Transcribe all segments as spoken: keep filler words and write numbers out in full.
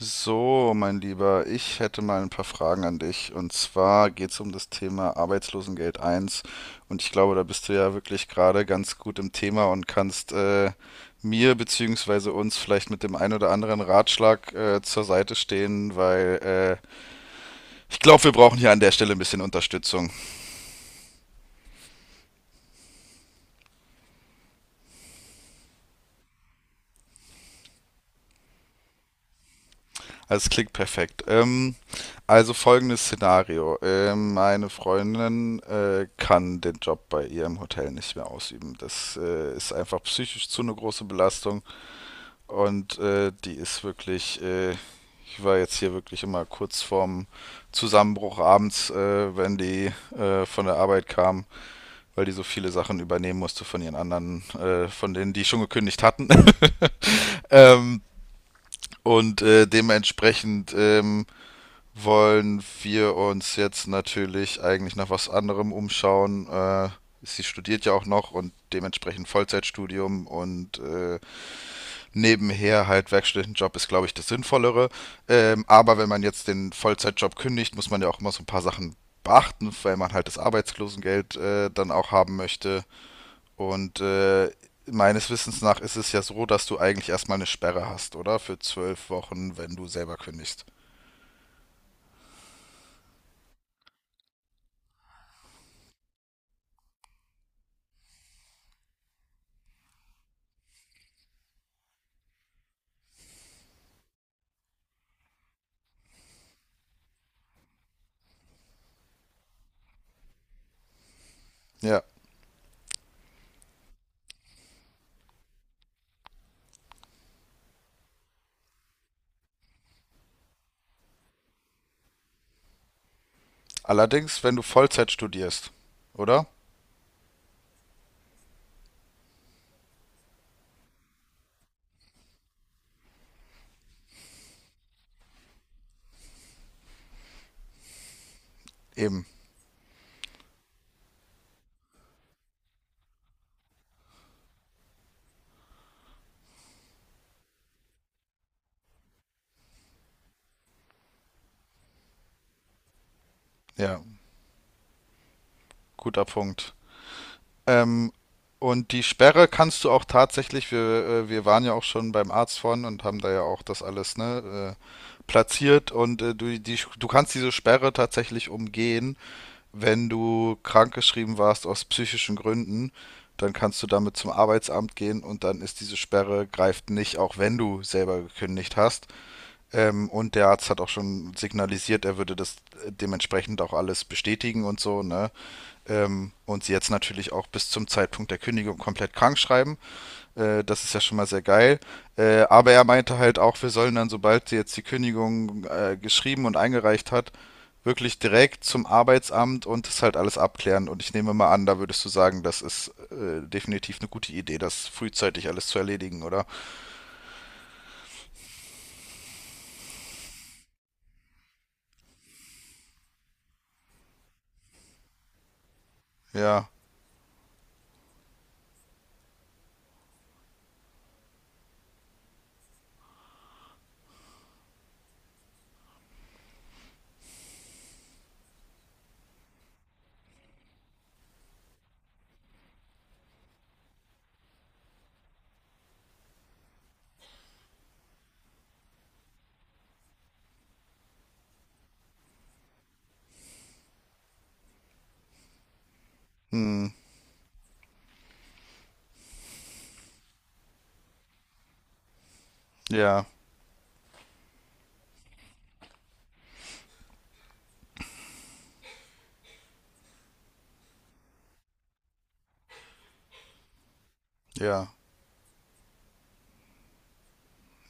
So, mein Lieber, ich hätte mal ein paar Fragen an dich. Und zwar geht es um das Thema Arbeitslosengeld eins. Und ich glaube, da bist du ja wirklich gerade ganz gut im Thema und kannst äh, mir bzw. uns vielleicht mit dem einen oder anderen Ratschlag äh, zur Seite stehen, weil äh, ich glaube, wir brauchen hier an der Stelle ein bisschen Unterstützung. Also es klingt perfekt. Ähm, also folgendes Szenario. Ähm, meine Freundin äh, kann den Job bei ihr im Hotel nicht mehr ausüben. Das äh, ist einfach psychisch zu eine große Belastung, und äh, die ist wirklich, äh, ich war jetzt hier wirklich immer kurz vorm Zusammenbruch abends, äh, wenn die äh, von der Arbeit kam, weil die so viele Sachen übernehmen musste von ihren anderen, äh, von denen, die schon gekündigt hatten. ähm, und äh, dementsprechend ähm, wollen wir uns jetzt natürlich eigentlich nach was anderem umschauen. Äh, sie studiert ja auch noch und dementsprechend Vollzeitstudium und äh, nebenher halt Werkstudentenjob ist, glaube ich, das Sinnvollere. Ähm, aber wenn man jetzt den Vollzeitjob kündigt, muss man ja auch immer so ein paar Sachen beachten, weil man halt das Arbeitslosengeld äh, dann auch haben möchte. Und äh, meines Wissens nach ist es ja so, dass du eigentlich erstmal eine Sperre hast, oder? Für zwölf Wochen, wenn du selber kündigst. Ja. Allerdings, wenn du Vollzeit studierst, oder? Eben, ja, guter Punkt. Ähm, und die Sperre kannst du auch tatsächlich, wir, äh, wir waren ja auch schon beim Arzt vorhin und haben da ja auch das alles, ne, äh, platziert und äh, du, die, du kannst diese Sperre tatsächlich umgehen, wenn du krankgeschrieben warst aus psychischen Gründen, dann kannst du damit zum Arbeitsamt gehen und dann ist diese Sperre greift nicht, auch wenn du selber gekündigt hast. Ähm, und der Arzt hat auch schon signalisiert, er würde das äh, dementsprechend auch alles bestätigen und so, ne? Ähm, und sie jetzt natürlich auch bis zum Zeitpunkt der Kündigung komplett krank schreiben. Äh, das ist ja schon mal sehr geil. Äh, aber er meinte halt auch, wir sollen dann, sobald sie jetzt die Kündigung äh, geschrieben und eingereicht hat, wirklich direkt zum Arbeitsamt und das halt alles abklären. Und ich nehme mal an, da würdest du sagen, das ist äh, definitiv eine gute Idee, das frühzeitig alles zu erledigen, oder? Ja. Hm. Ja. Ja.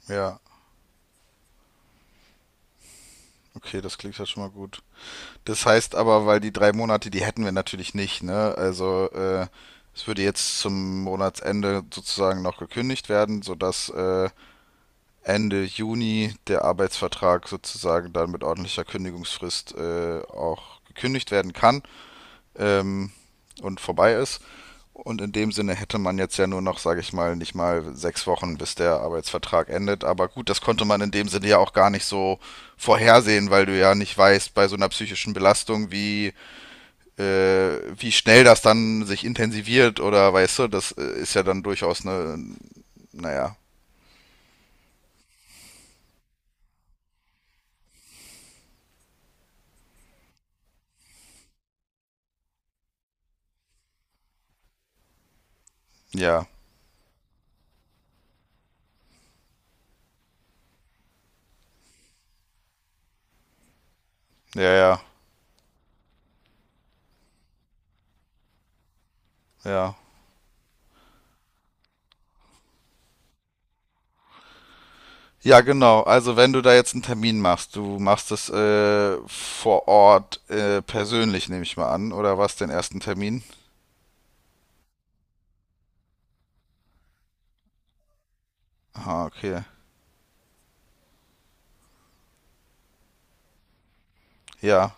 Ja. Okay, das klingt ja schon mal gut. Das heißt aber, weil die drei Monate, die hätten wir natürlich nicht, ne? Also, äh, es würde jetzt zum Monatsende sozusagen noch gekündigt werden, sodass äh, Ende Juni der Arbeitsvertrag sozusagen dann mit ordentlicher Kündigungsfrist äh, auch gekündigt werden kann, ähm, und vorbei ist. Und in dem Sinne hätte man jetzt ja nur noch, sage ich mal, nicht mal sechs Wochen, bis der Arbeitsvertrag endet. Aber gut, das konnte man in dem Sinne ja auch gar nicht so vorhersehen, weil du ja nicht weißt bei so einer psychischen Belastung, wie, äh, wie schnell das dann sich intensiviert oder weißt du, das äh, ist ja dann durchaus eine, naja, ja, ja, ja, ja. Ja, genau. Also wenn du da jetzt einen Termin machst, du machst es äh, vor Ort äh, persönlich, nehme ich mal an, oder was, den ersten Termin? Ah, okay. Ja,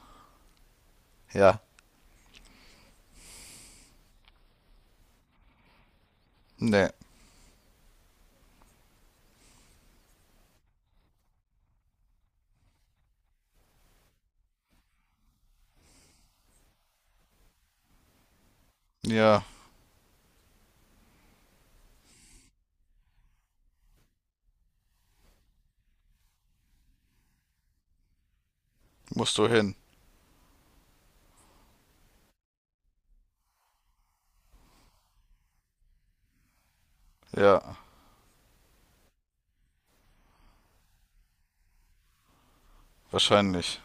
ja. Nee. Ja, musst du hin. Ja, wahrscheinlich.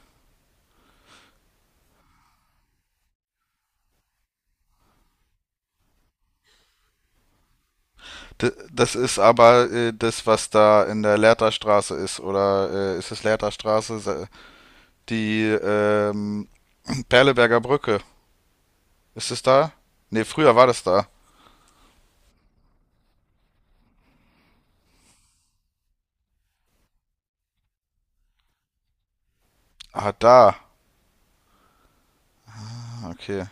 D das ist aber äh, das, was da in der Lehrterstraße ist, oder äh, ist es Lehrterstraße? Se- die ähm, Perleberger Brücke. Ist es da? Nee, früher war das da. Ah, da. Okay.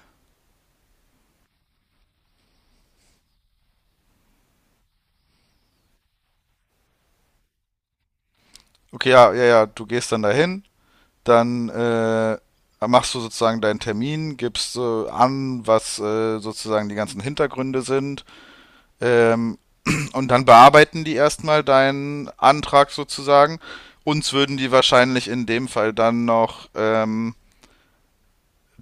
Okay, ja, ja, ja. Du gehst dann dahin, dann äh, machst du sozusagen deinen Termin, gibst äh, an, was äh, sozusagen die ganzen Hintergründe sind, ähm, und dann bearbeiten die erstmal deinen Antrag sozusagen. Uns würden die wahrscheinlich in dem Fall dann noch ähm,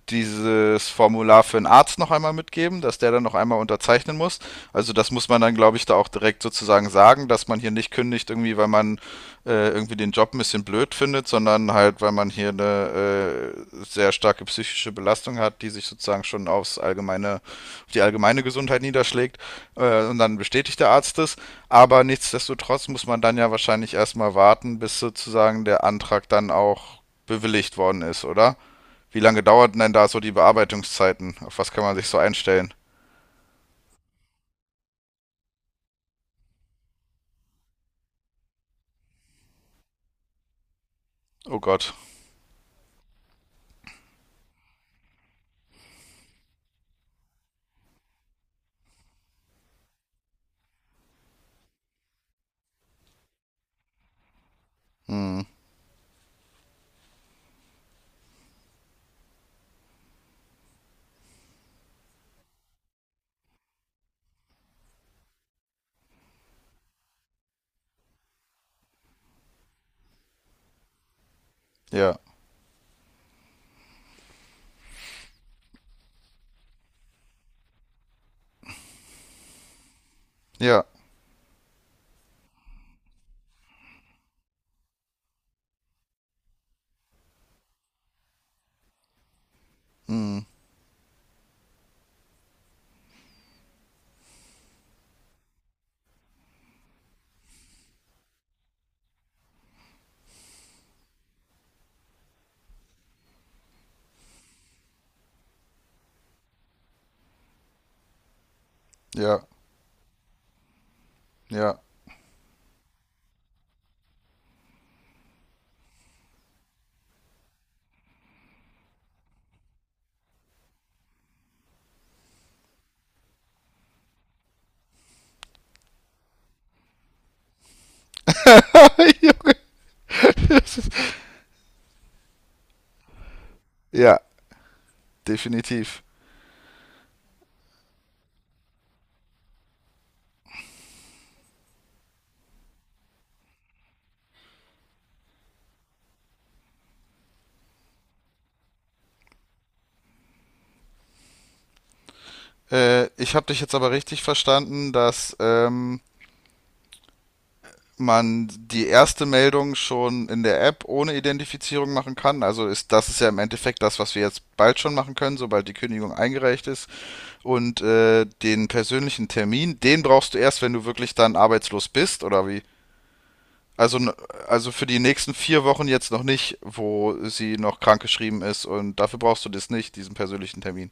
dieses Formular für einen Arzt noch einmal mitgeben, dass der dann noch einmal unterzeichnen muss. Also das muss man dann, glaube ich, da auch direkt sozusagen sagen, dass man hier nicht kündigt irgendwie, weil man äh, irgendwie den Job ein bisschen blöd findet, sondern halt, weil man hier eine äh, sehr starke psychische Belastung hat, die sich sozusagen schon aufs allgemeine, auf die allgemeine Gesundheit niederschlägt. Äh, und dann bestätigt der Arzt es. Aber nichtsdestotrotz muss man dann ja wahrscheinlich erstmal warten, bis sozusagen der Antrag dann auch bewilligt worden ist, oder? Wie lange dauerten denn da so die Bearbeitungszeiten? Auf was kann man sich so einstellen? Oh Gott. Ja, ja, ja, ja, ja, definitiv. Äh, ich habe dich jetzt aber richtig verstanden, dass ähm, man die erste Meldung schon in der App ohne Identifizierung machen kann. Also ist das ist ja im Endeffekt das, was wir jetzt bald schon machen können, sobald die Kündigung eingereicht ist. Und äh, den persönlichen Termin, den brauchst du erst, wenn du wirklich dann arbeitslos bist, oder wie? Also, also für die nächsten vier Wochen jetzt noch nicht, wo sie noch krankgeschrieben ist und dafür brauchst du das nicht, diesen persönlichen Termin.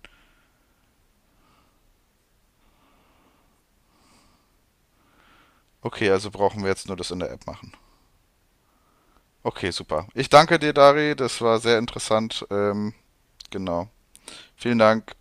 Okay, also brauchen wir jetzt nur das in der App machen. Okay, super. Ich danke dir, Dari, das war sehr interessant. Ähm, genau. Vielen Dank.